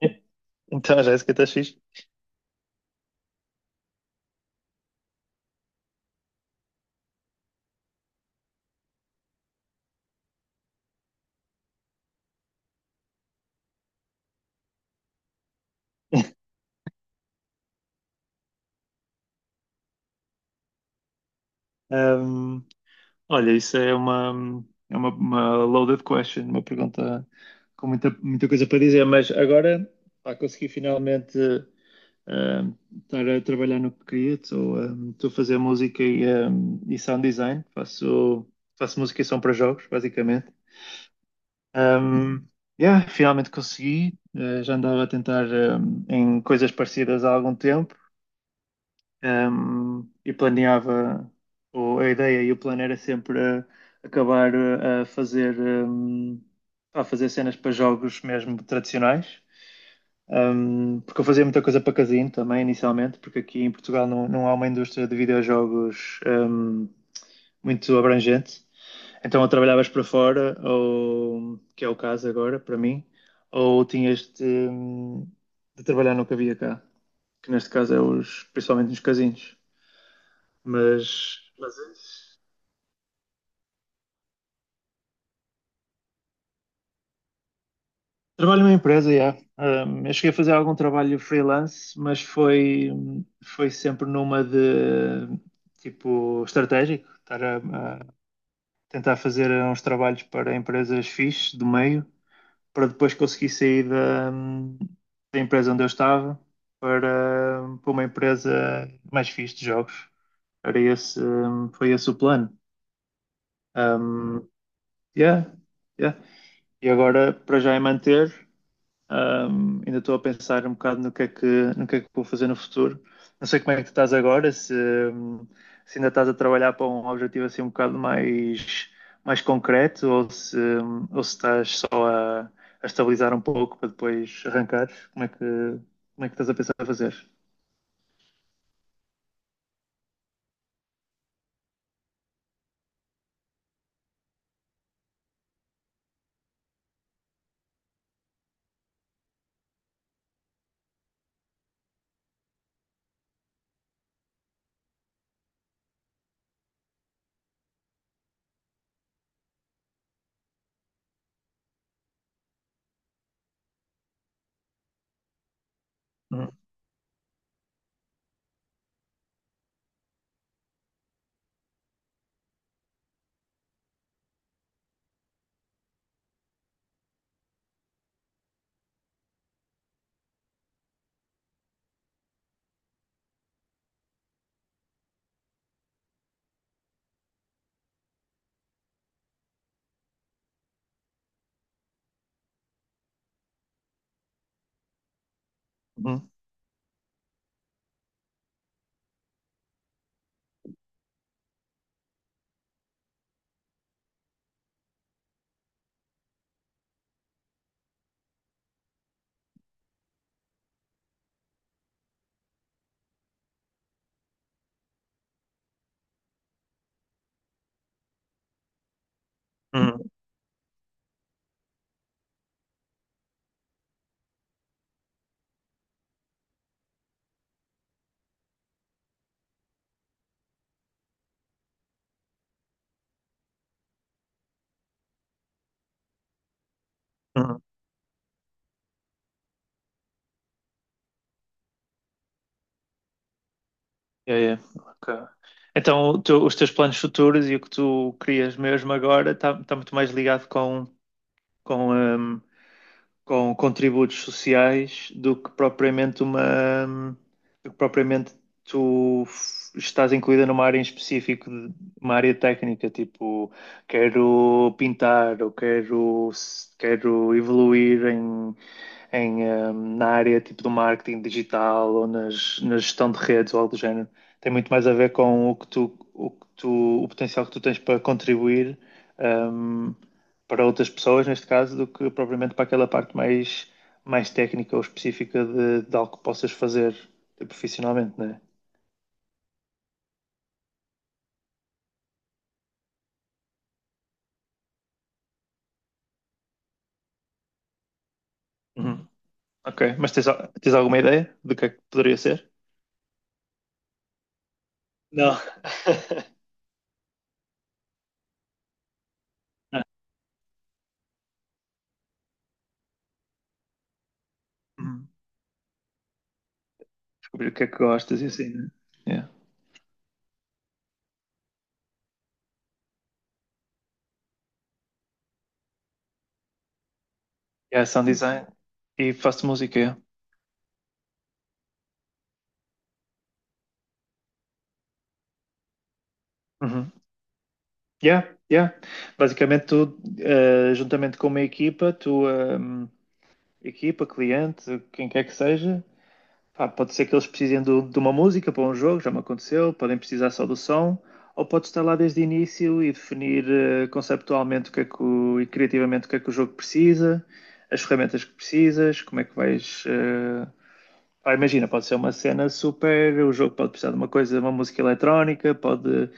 Então a Jéssica está fixe. Um, Olha, isso é uma loaded question, uma pergunta com muita coisa para dizer, mas agora pá, consegui finalmente, um, estar a trabalhar no que queria. Estou estou a fazer música e, e sound design, faço música e som para jogos, basicamente. Um, yeah, finalmente consegui. Já andava a tentar, em coisas parecidas há algum tempo. E planeava, ou a ideia e o plano era sempre acabar, a fazer, a fazer cenas para jogos mesmo tradicionais. Porque eu fazia muita coisa para casino também inicialmente, porque aqui em Portugal não há uma indústria de videojogos muito abrangente. Então, ou trabalhavas para fora, ou que é o caso agora para mim, ou tinhas de trabalhar no que havia cá, que neste caso é os, principalmente nos casinos. Mas trabalho numa empresa, yeah. Eu cheguei a fazer algum trabalho freelance, foi sempre numa de tipo estratégico, estar a tentar fazer uns trabalhos para empresas fixes do meio, para depois conseguir sair da empresa onde eu estava para uma empresa mais fixe de jogos. Foi esse o plano. Um, yeah, yeah. E agora, para já é manter. Ainda estou a pensar um bocado no que é que vou fazer no futuro. Não sei como é que tu estás agora, se ainda estás a trabalhar para um objetivo assim um bocado mais, mais concreto ou se estás só a estabilizar um pouco para depois arrancar. Como é que estás a pensar a fazer? Uhum, uhum, uhum, uhum. Yeah, yeah. Ok. Então, os teus planos futuros e o que tu crias mesmo agora está muito mais ligado com, com contributos sociais do que propriamente uma do que propriamente estás incluída numa área em específico, de- uma área técnica, tipo quero pintar ou quero evoluir em, eh, na área tipo do marketing digital ou na gestão de redes ou algo do género. Tem muito mais a ver com o que tu, o potencial que tu tens para contribuir, hum, para outras pessoas, neste caso, do que propriamente para aquela parte mais, mais técnica ou específica de algo que possas fazer, profissionalmente, né? Uhum. Ok, mas tens alguma ideia do que é que poderia ser? Não. Ah, uhum. Descobrir o que é que gostas e assim, né? Yeah. Yeah, sound design e faço música, yeah. Uhum. Yeah, yeah. Basicamente tu, juntamente com uma equipa, equipa, cliente, quem quer que seja. Pá, pode ser que eles precisem de uma música para um jogo, já me aconteceu, podem precisar só do som, ou pode estar lá desde o início e definir, conceptualmente o que é que e criativamente o que é que o jogo precisa, as ferramentas que precisas, como é que vais. Pá, imagina, pode ser uma cena super, o jogo pode precisar de uma coisa, uma música eletrónica,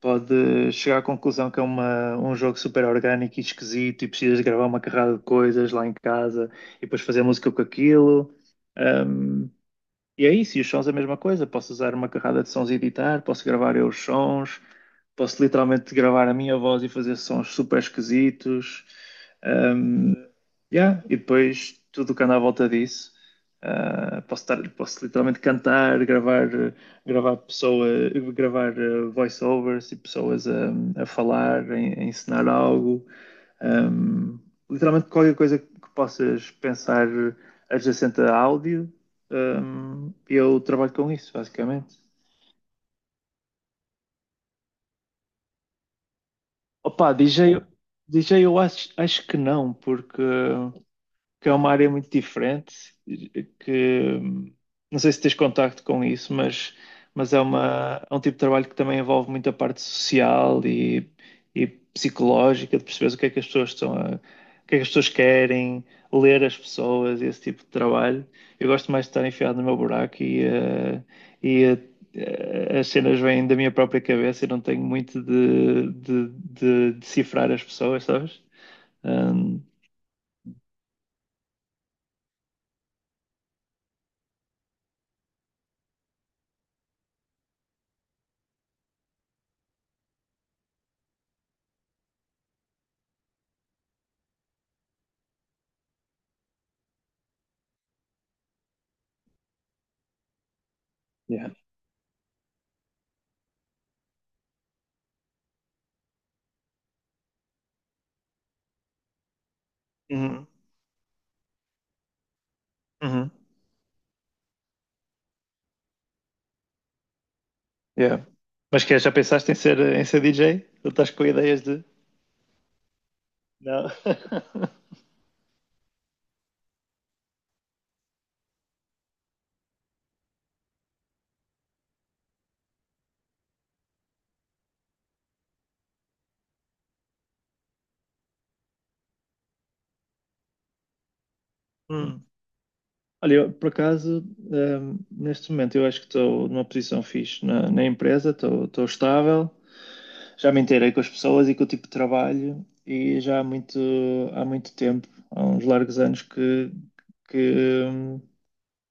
pode chegar à conclusão que é um jogo super orgânico e esquisito e precisas de gravar uma carrada de coisas lá em casa e depois fazer música com aquilo. Ahm, e é isso, e os sons é a mesma coisa. Posso usar uma carrada de sons e editar, posso gravar eu os sons, posso literalmente gravar a minha voz e fazer sons super esquisitos. Um, yeah. E depois tudo o que anda à volta disso. Posso literalmente cantar, gravar pessoa, gravar, voiceovers e pessoas a falar, a ensinar algo. Um, Literalmente qualquer coisa que possas pensar adjacente a áudio, eu trabalho com isso, basicamente. Opa, DJ, DJ eu acho que não, porque que é uma área muito diferente, que não sei se tens contacto com isso, mas é é um tipo de trabalho que também envolve muito a parte social e psicológica, de perceberes o que é que as pessoas estão a, o que é que as pessoas querem, ler as pessoas, esse tipo de trabalho. Eu gosto mais de estar enfiado no meu buraco e as cenas vêm da minha própria cabeça e não tenho muito de decifrar as pessoas, sabes? Um, yeah. Uhum, uhum. Yeah. Mas que é, já pensaste em ser DJ? Ou estás com ideias de. Não. Hum. Olha, eu, por acaso, neste momento eu acho que estou numa posição fixe na empresa, estou estável, já me inteirei com as pessoas e com o tipo de trabalho e já há muito tempo, há uns largos anos que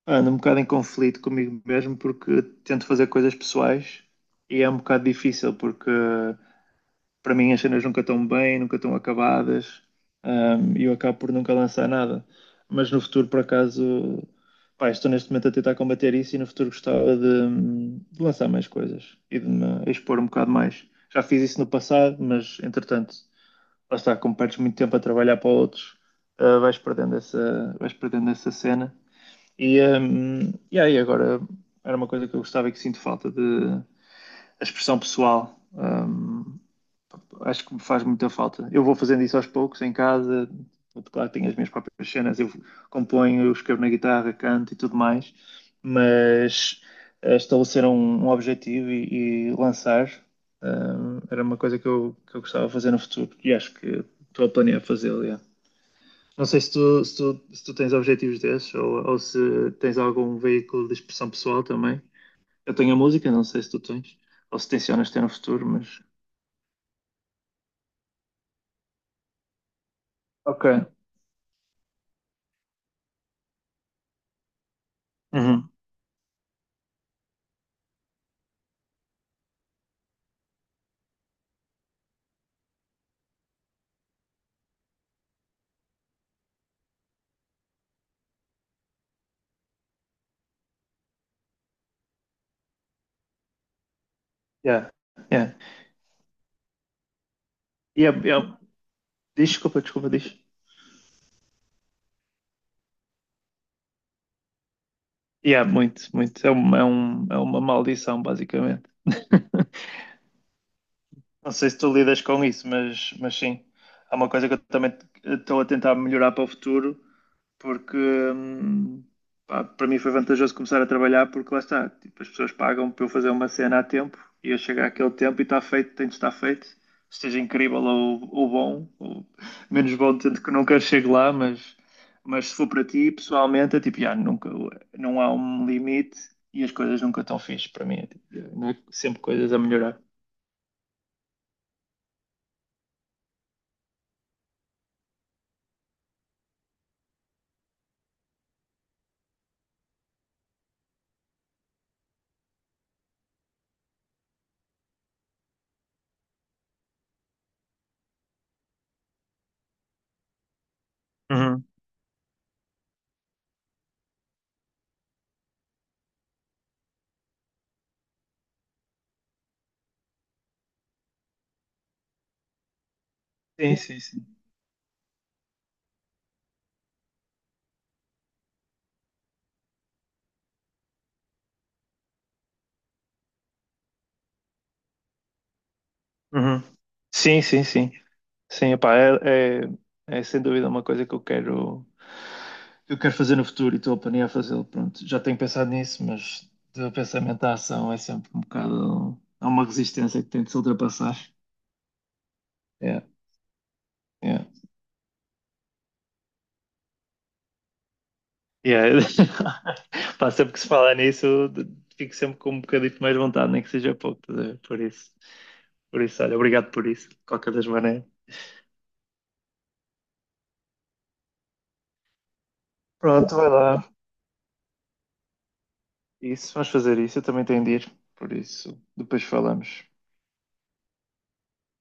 ando um bocado em conflito comigo mesmo porque tento fazer coisas pessoais e é um bocado difícil porque para mim as cenas nunca estão bem, nunca estão acabadas, e eu acabo por nunca lançar nada. Mas no futuro, por acaso, pá, estou neste momento a tentar combater isso e no futuro gostava de lançar mais coisas e de me expor um bocado mais. Já fiz isso no passado, mas entretanto, lá está, como perdes muito tempo a trabalhar para outros, ah, vais perdendo vais perdendo essa cena. E aí agora era uma coisa que eu gostava e que sinto falta de a expressão pessoal. Acho que me faz muita falta. Eu vou fazendo isso aos poucos em casa, claro que tenho as minhas próprias cenas, eu componho, eu escrevo na guitarra, canto e tudo mais, mas, estabelecer um objetivo e lançar, eh, era uma coisa que que eu gostava de fazer no futuro e acho que estou a planear fazê-lo. Yeah. Não sei se tu tens objetivos desses ou se tens algum veículo de expressão pessoal também. Eu tenho a música, não sei se tu tens, ou se tencionas ter no futuro, mas. Ok. Uhum. Yeah, yeah. Yeah, yeah. Desculpa, desculpa, diz. Yeah, muito, muito. É é uma maldição, basicamente. Não sei se tu lidas com isso, mas sim, é uma coisa que eu também estou a tentar melhorar para o futuro, porque pá, para mim foi vantajoso começar a trabalhar, porque lá está, tipo, as pessoas pagam para eu fazer uma cena a tempo e eu chego àquele tempo e está feito, tem de estar feito, esteja incrível ou bom, ou menos bom, tanto que nunca chego lá, mas se for para ti, pessoalmente, é tipo, já, nunca, não há um limite e as coisas nunca estão fixe para mim, é, tipo, sempre coisas a melhorar. Sim, sim, sim. Uhum. Sim, sim, sim. Sim, pá, é sem dúvida uma coisa que que eu quero fazer no futuro e estou a planear fazê-lo. Pronto, já tenho pensado nisso, mas do pensamento à ação é sempre um bocado. Há uma resistência que tem de se ultrapassar. É, é. Yeah. Pá, sempre que se fala nisso, de- fico sempre com um bocadinho de mais vontade, nem que seja pouco, estás a ver? Por isso. Por isso, olha, obrigado por isso, de qualquer das maneiras. Pronto, vai lá. Isso, vamos fazer isso. Eu também tenho de ir, por isso depois falamos.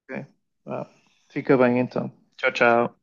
Ok? Vá. Fica bem então. Tchau, tchau.